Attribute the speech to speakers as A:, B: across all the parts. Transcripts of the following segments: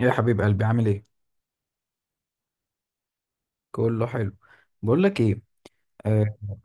A: يا حبيب قلبي، عامل ايه؟ كله حلو. بقول لك ايه؟ آه.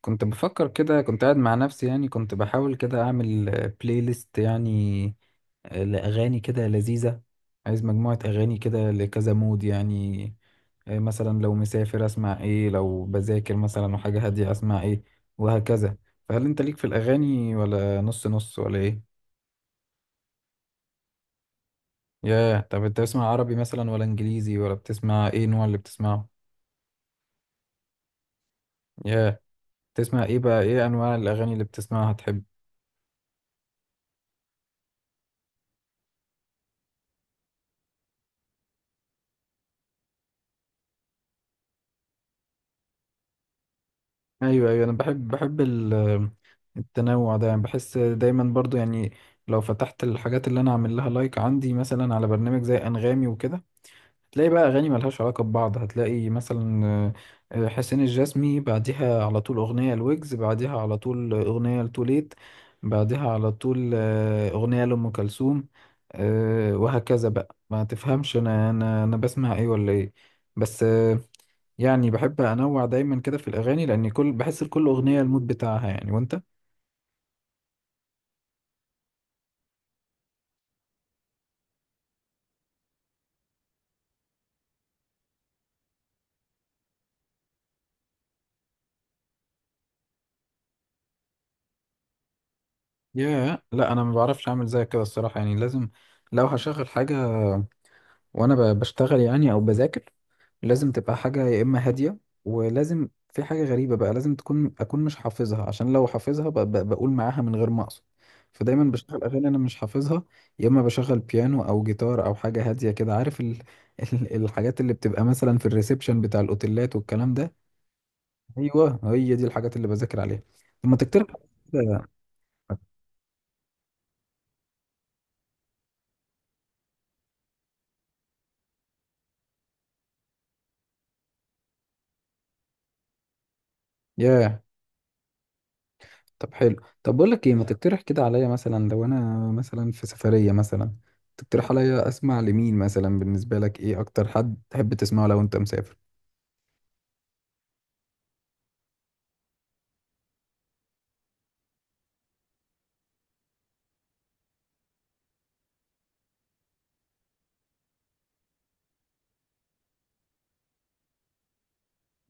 A: كنت بفكر كده، كنت قاعد مع نفسي يعني، كنت بحاول كده اعمل بلاي ليست يعني، لاغاني كده لذيذه. عايز مجموعه اغاني كده لكذا مود يعني. آه، مثلا لو مسافر اسمع ايه، لو بذاكر مثلا وحاجه هاديه اسمع ايه، وهكذا. فهل انت ليك في الاغاني ولا نص نص ولا ايه؟ ياه، طب انت بتسمع عربي مثلا ولا انجليزي، ولا بتسمع ايه النوع اللي بتسمعه؟ ياه، تسمع ايه بقى، ايه انواع الاغاني اللي بتسمعها تحب؟ ايوه ايوه، انا بحب بحب التنوع ده يعني، بحس دايما برضو يعني لو فتحت الحاجات اللي انا عامل لها لايك عندي، مثلا على برنامج زي انغامي وكده، هتلاقي بقى اغاني ملهاش علاقه ببعض. هتلاقي مثلا حسين الجسمي، بعديها على طول اغنيه لويجز، بعديها على طول اغنيه لتوليت، بعديها على طول اغنيه لام كلثوم، وهكذا بقى. ما تفهمش انا انا بسمع ايه ولا ايه. بس يعني بحب انوع دايما كده في الاغاني، لان كل بحس لكل اغنيه المود بتاعها يعني. وانت؟ يا لا، انا ما بعرفش اعمل زي كده الصراحه، يعني لازم لو هشغل حاجه وانا بشتغل يعني او بذاكر، لازم تبقى حاجه يا اما هاديه، ولازم في حاجه غريبه بقى، لازم تكون اكون مش حافظها، عشان لو حافظها بقول معاها من غير ما اقصد. فدايما بشغل اغاني انا مش حافظها، يا اما بشغل بيانو او جيتار او حاجه هاديه كده، عارف ال... الحاجات اللي بتبقى مثلا في الريسبشن بتاع الاوتيلات والكلام ده. ايوه، هي دي الحاجات اللي بذاكر عليها. طب ما تقترح كده. ياه، طب حلو. طب بقول لك ايه، ما تقترح كده عليا. مثلا لو انا مثلا في سفريه مثلا، تقترح عليا اسمع لمين؟ مثلا بالنسبه لك، ايه اكتر حد تحب تسمعه لو انت مسافر؟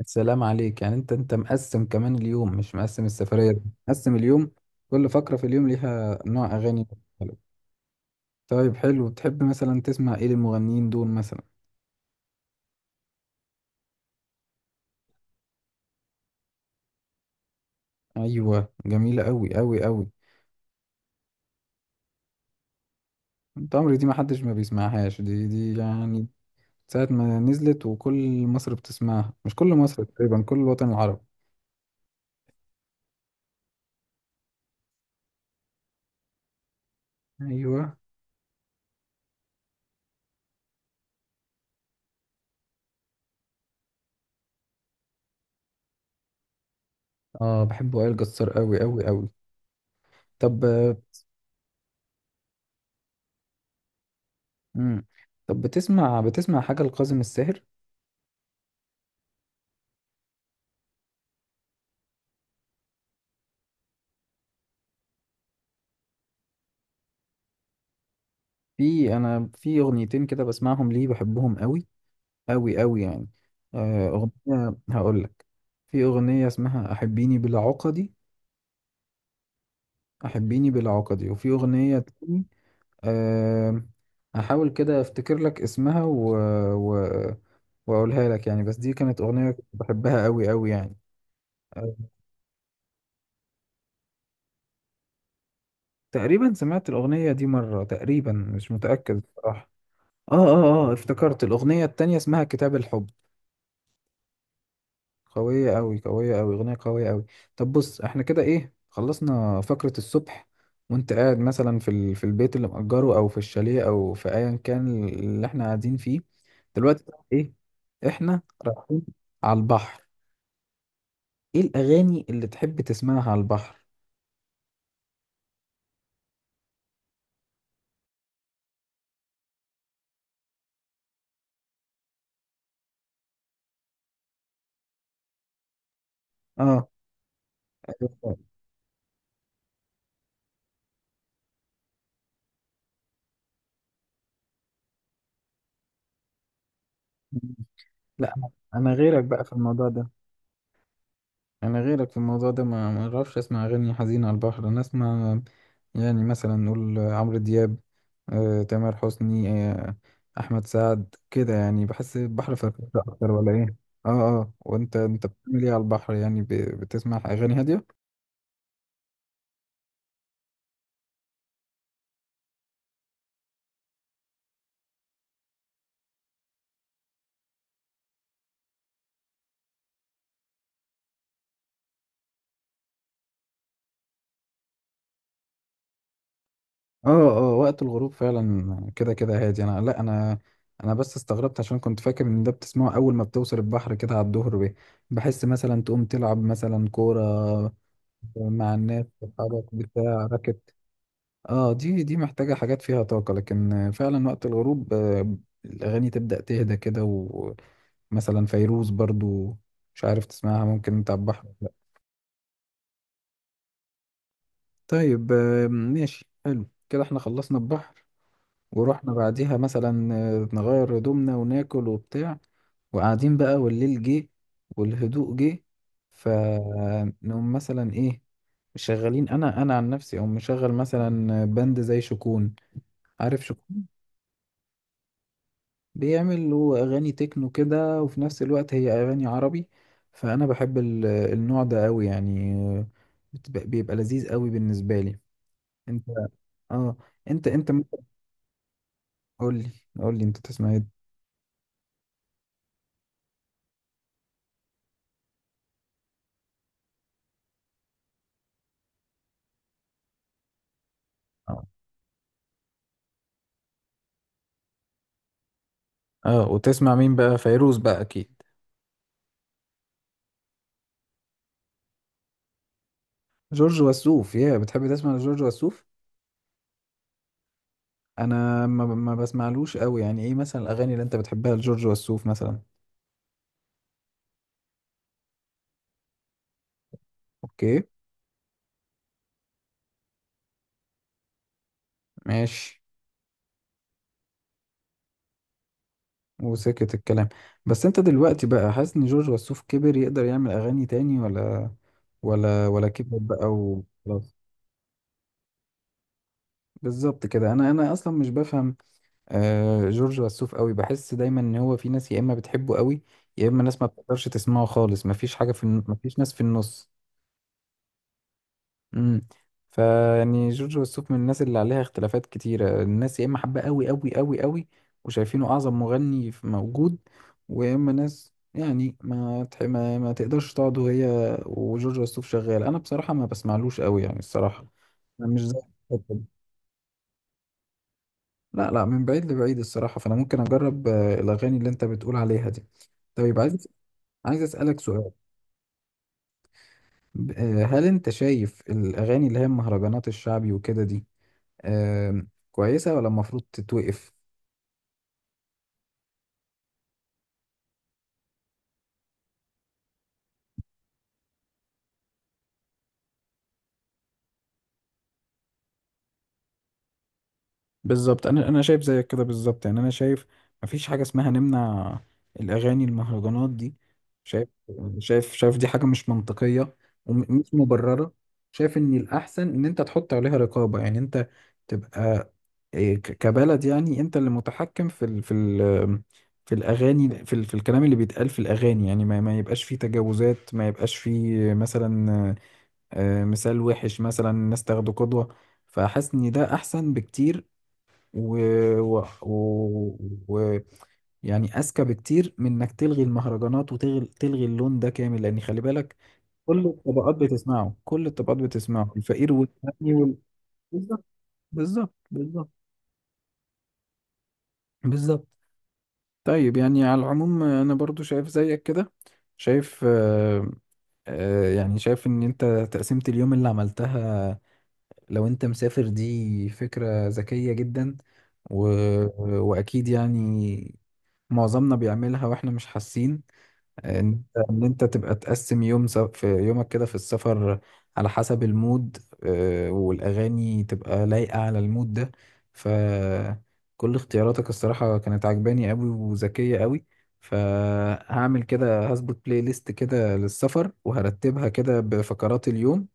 A: السلام عليك يعني. انت مقسم كمان اليوم، مش مقسم السفريه دي. مقسم اليوم. كل فقره في اليوم ليها نوع اغاني مختلف. طيب حلو. بتحب مثلا تسمع ايه للمغنيين دول مثلا؟ ايوه جميله قوي قوي قوي. تمري دي ما حدش ما بيسمعهاش، دي يعني ساعة ما نزلت وكل مصر بتسمعها، مش كل مصر، تقريبا كل الوطن العربي. ايوه. اه بحب وائل جسار قوي قوي قوي. طب. امم. طب بتسمع، بتسمع حاجة لكاظم الساهر؟ في، انا في اغنيتين كده بسمعهم ليه، بحبهم قوي قوي قوي يعني. اغنية هقول لك. في اغنية اسمها احبيني بلا عقدي، احبيني بلا عقدي، وفي اغنية تاني. أه. هحاول كده افتكر لك اسمها و... و... واقولها لك يعني. بس دي كانت اغنية كنت بحبها قوي قوي يعني. أه. تقريبا سمعت الاغنية دي مرة، تقريبا مش متأكد بصراحة. اه اه اه، افتكرت الاغنية التانية، اسمها كتاب الحب. قوية أوي، قوية أوي، أغنية قوية أوي. طب بص، احنا كده ايه، خلصنا فقرة الصبح. وانت قاعد مثلا في ال... في البيت اللي مأجره أو في الشاليه أو في أيا كان اللي احنا قاعدين فيه، دلوقتي بقى ايه؟ احنا رايحين على البحر. ايه الأغاني اللي تحب تسمعها على البحر؟ اه. لا، أنا غيرك بقى في الموضوع ده. انا غيرك في الموضوع ده، ما اعرفش اسمع اغاني حزينه على البحر. انا اسمع يعني مثلا نقول عمرو دياب، تامر حسني، احمد سعد كده يعني. بحس البحر فرفشه اكتر ولا ايه؟ اه اه. وانت، بتعمل ايه على البحر يعني؟ بتسمع اغاني هاديه؟ اه اه، وقت الغروب فعلا كده كده هادي. انا لا، انا بس استغربت، عشان كنت فاكر ان ده بتسمعه اول ما بتوصل البحر كده على الظهر بيه. بحس مثلا تقوم تلعب مثلا كوره مع الناس صحابك بتاع راكت. اه، دي محتاجة حاجات فيها طاقة، لكن فعلا وقت الغروب الأغاني تبدأ تهدى كده. ومثلا فيروز برضو، مش عارف تسمعها ممكن انت على البحر ولا لأ. طيب ماشي حلو كده، احنا خلصنا البحر. ورحنا بعديها مثلا نغير هدومنا وناكل وبتاع. وقاعدين بقى والليل جه والهدوء جه، فنقوم مثلا ايه؟ مشغلين، انا عن نفسي، او مشغل مثلا باند زي شكون. عارف شكون؟ بيعمل هو اغاني تكنو كده، وفي نفس الوقت هي اغاني عربي. فانا بحب النوع ده قوي يعني. بتبقى، بيبقى لذيذ قوي بالنسبه لي. انت، اه، انت ممكن قول لي، قول لي انت تسمع ايه؟ اه. وتسمع مين بقى، فيروز بقى اكيد؟ جورج وسوف؟ يا، بتحب تسمع لجورج وسوف؟ انا ما بسمعلوش قوي يعني. ايه مثلا الاغاني اللي انت بتحبها لجورج وسوف مثلا؟ اوكي. ماشي. وسكت الكلام. بس انت دلوقتي بقى حاسس ان جورج وسوف كبر، يقدر يعمل اغاني تاني ولا، ولا كبر بقى وخلاص؟ بالظبط كده. انا انا اصلا مش بفهم آه جورج وسوف قوي. بحس دايما ان هو في ناس يا اما بتحبه قوي، يا اما ناس ما بتقدرش تسمعه خالص. مفيش حاجه في مفيش ناس في النص. امم. فيعني جورج وسوف من الناس اللي عليها اختلافات كتيرة. الناس يا اما حابة قوي قوي قوي قوي، وشايفينه اعظم مغني موجود، ويا اما ناس يعني ما تح... ما تقدرش تقعد وهي وجورج وسوف شغال. انا بصراحة ما بسمعلوش قوي يعني الصراحة. انا مش زي الحتة دي. لا لا، من بعيد لبعيد الصراحة. فانا ممكن اجرب الاغاني اللي انت بتقول عليها دي. طيب عايز، اسألك سؤال. هل انت شايف الاغاني اللي هي المهرجانات الشعبي وكده دي، آم، كويسة ولا المفروض تتوقف؟ بالظبط، انا انا شايف زيك كده بالظبط يعني. انا شايف مفيش حاجه اسمها نمنع الاغاني المهرجانات دي. شايف، شايف، شايف دي حاجه مش منطقيه ومش مبرره. شايف ان الاحسن ان انت تحط عليها رقابه. يعني انت تبقى إيه، كبلد يعني، انت اللي متحكم في ال، في ال، في الاغاني، في ال، في الكلام اللي بيتقال في الاغاني، يعني ما يبقاش فيه تجاوزات، ما يبقاش فيه مثلا مثال وحش مثلا، الناس تاخده قدوة. فحاسس ان ده احسن بكتير و... و... و... و... يعني اذكى بكتير من انك تلغي المهرجانات وتلغي، اللون ده كامل. لان خلي بالك، كل الطبقات بتسمعه، كل الطبقات بتسمعه، الفقير والغني وال... بالظبط، بالظبط بالظبط. طيب يعني على العموم، انا برضو شايف زيك كده. شايف، يعني شايف ان انت تقسيمة اليوم اللي عملتها لو انت مسافر دي فكرة ذكية جدا. و... واكيد يعني معظمنا بيعملها واحنا مش حاسين، ان انت ان انت تبقى تقسم يوم س... في يومك كده في السفر على حسب المود، والاغاني تبقى لايقة على المود ده. فكل اختياراتك الصراحة كانت عجباني قوي وذكية قوي. فهعمل كده، هظبط بلاي ليست كده للسفر، وهرتبها كده بفقرات اليوم،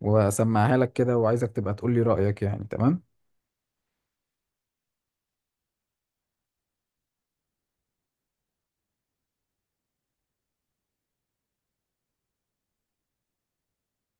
A: واسمعها لك كده، وعايزك تبقى تقول لي رأيك. يعني تمام.